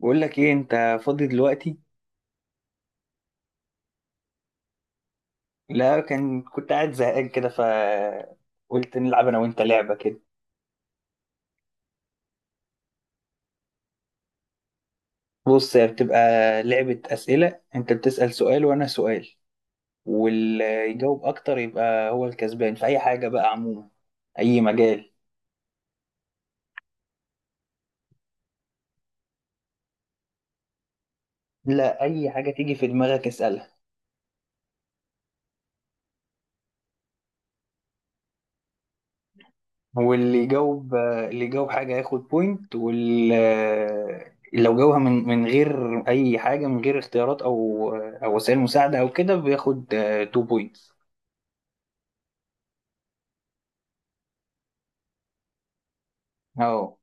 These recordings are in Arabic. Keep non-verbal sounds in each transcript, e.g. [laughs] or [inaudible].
بقول لك ايه؟ انت فاضي دلوقتي؟ لا، كان كنت قاعد زهقان كده، ف قلت نلعب انا وانت لعبه كده. بص، هي بتبقى لعبه اسئله. انت بتسال سؤال وانا سؤال، واللي يجاوب اكتر يبقى هو الكسبان في اي حاجه بقى عموما اي مجال لا اي حاجه تيجي في دماغك اسالها واللي يجاوب حاجه ياخد بوينت، واللي لو جاوبها من غير اي حاجه، من غير اختيارات او وسائل مساعده او كده بياخد 2 بوينت. اهو.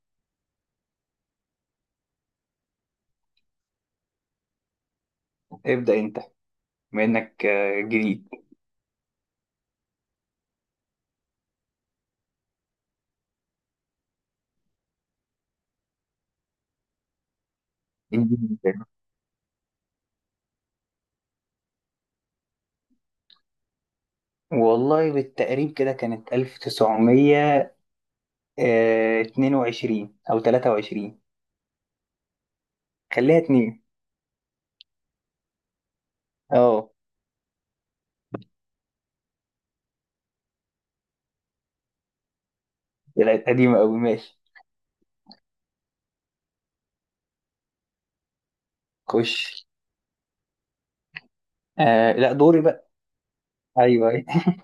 ابدأ انت، بما انك جديد. اديني مثال. والله بالتقريب كده كانت 1922 او 23. خليها اتنين. اه. طلعت قديمة قوي، ماشي. خش. لا، دوري بقى. ايوه. [laughs]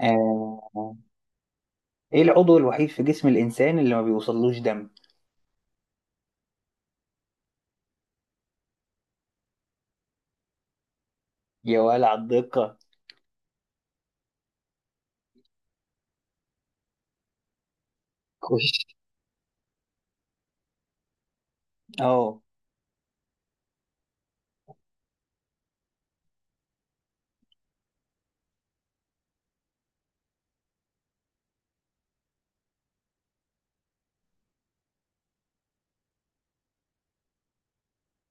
آه ايه العضو الوحيد في جسم الانسان اللي ما بيوصلوش دم؟ يا ولع الدقة. خش. اه،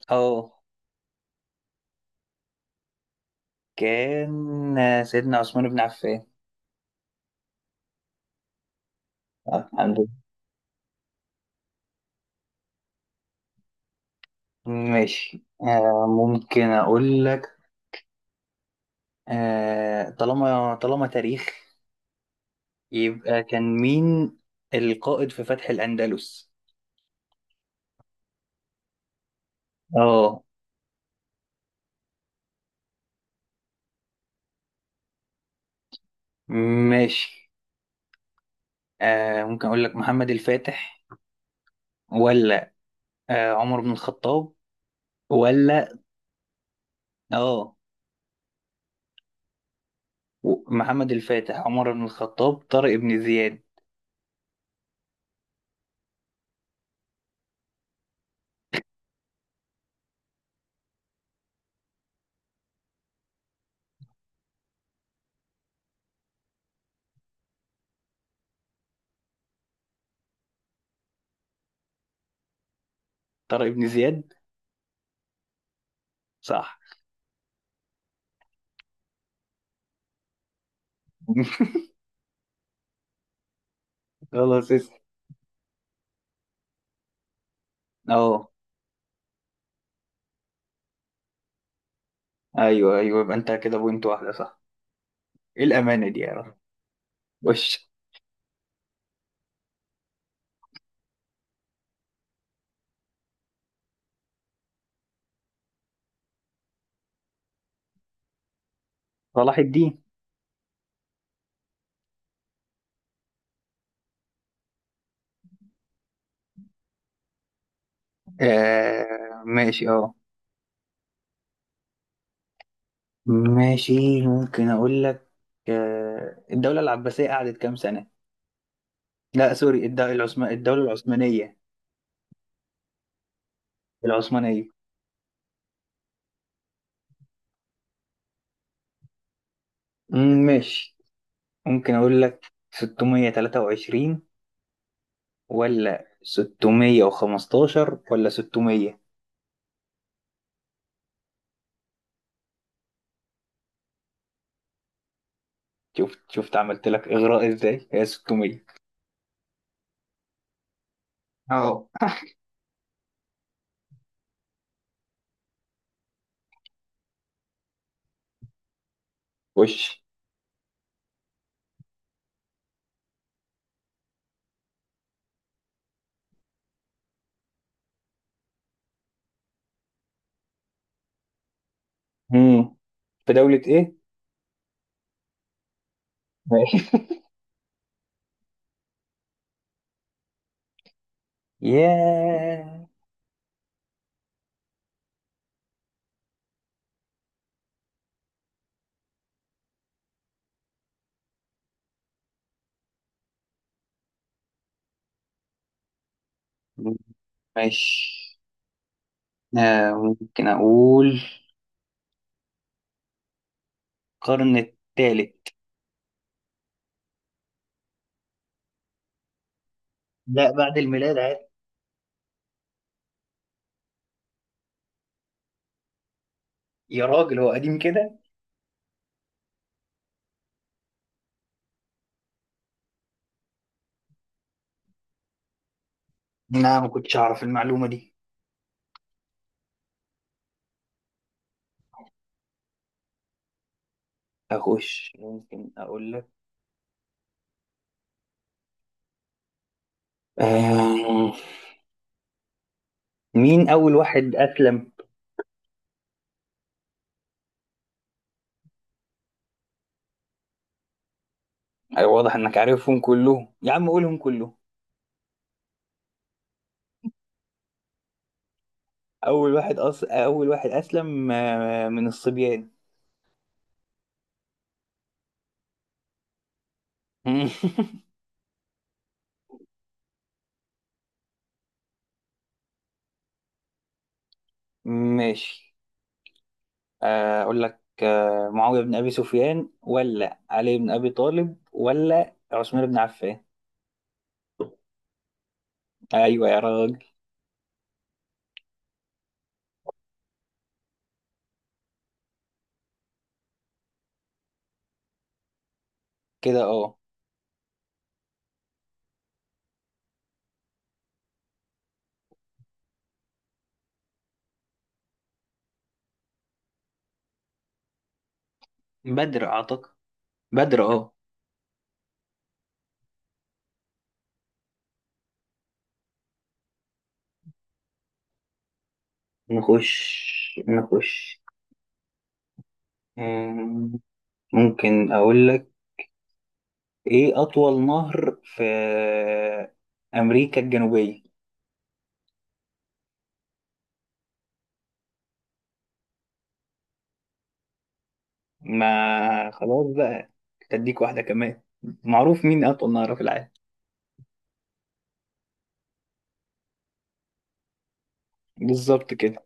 اه. كان سيدنا عثمان بن عفان. الحمد لله. ماشي. ممكن اقول لك، طالما تاريخ، يبقى كان مين القائد في فتح الأندلس؟ اه. ماشي. ممكن أقول لك محمد الفاتح، ولا عمر بن الخطاب، ولا اه محمد الفاتح، عمر بن الخطاب، طارق بن زياد. طارق بن زياد. صح. [laughs] خلاص، اسأل. اه. ايوه، ايوه، يبقى انت كده بوينت واحدة، صح؟ ايه الأمانة دي يا رب! وش. صلاح الدين. ماشي. اه. ماشي، ممكن أقول لك، الدولة العباسية قعدت كام سنة؟ لا سوري، الدولة العثمانية. العثمانية. ماشي. ممكن أقول لك 623، ولا 615، ولا 600. شفت عملت لك إغراء إزاي؟ هي 600. اهو. وش. مم. في دولة إيه؟ ماشي. ياه. ماشي، آه، ممكن أقول القرن الثالث. لا، بعد الميلاد عادي. يا راجل، هو قديم كده. لا، ما كنتش اعرف المعلومة دي. اخش. ممكن اقول لك آه... مين اول واحد اسلم؟ أيوة، واضح انك عارفهم كلهم، يا عم قولهم كلهم. اول واحد اسلم من الصبيان. [laughs] ماشي، اقول لك معاوية بن ابي سفيان، ولا علي بن ابي طالب، ولا عثمان بن عفان. ايوه يا راجل. كده، اه. بدر اعتقد. بدر، اه. نخش نخش. آم، ممكن أقول لك، إيه أطول نهر في أمريكا الجنوبية؟ ما خلاص بقى، أديك واحدة كمان. معروف مين أطول نهر في العالم. بالظبط كده.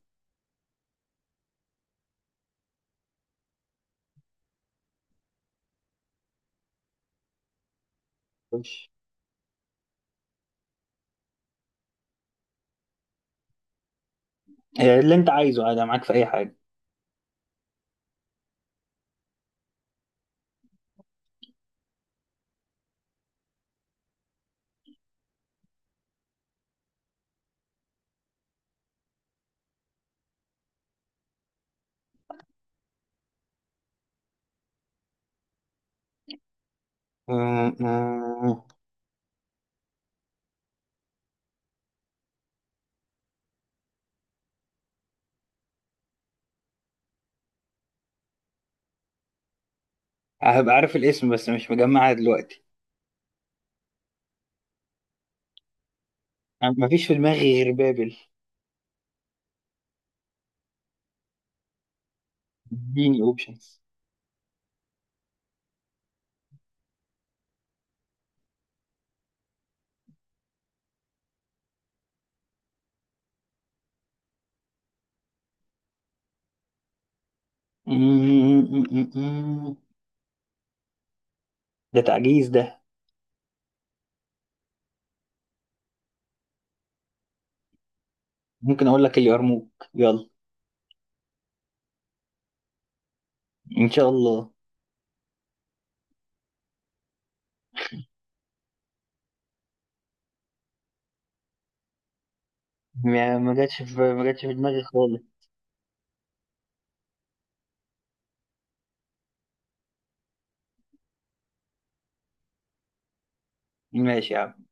خش. اللي أنت عايزه عادي، أنا معاك في أي حاجة. آم، آم، هبقى عارف الاسم بس مش مجمعها دلوقتي. مفيش في دماغي غير بابل. اديني أوبشنز. ده تعجيز ده. ممكن أقول لك اليرموك، يلا. ان شاء الله. ما جاتش في ما جاتش في دماغي خالص. ماشي يا عم.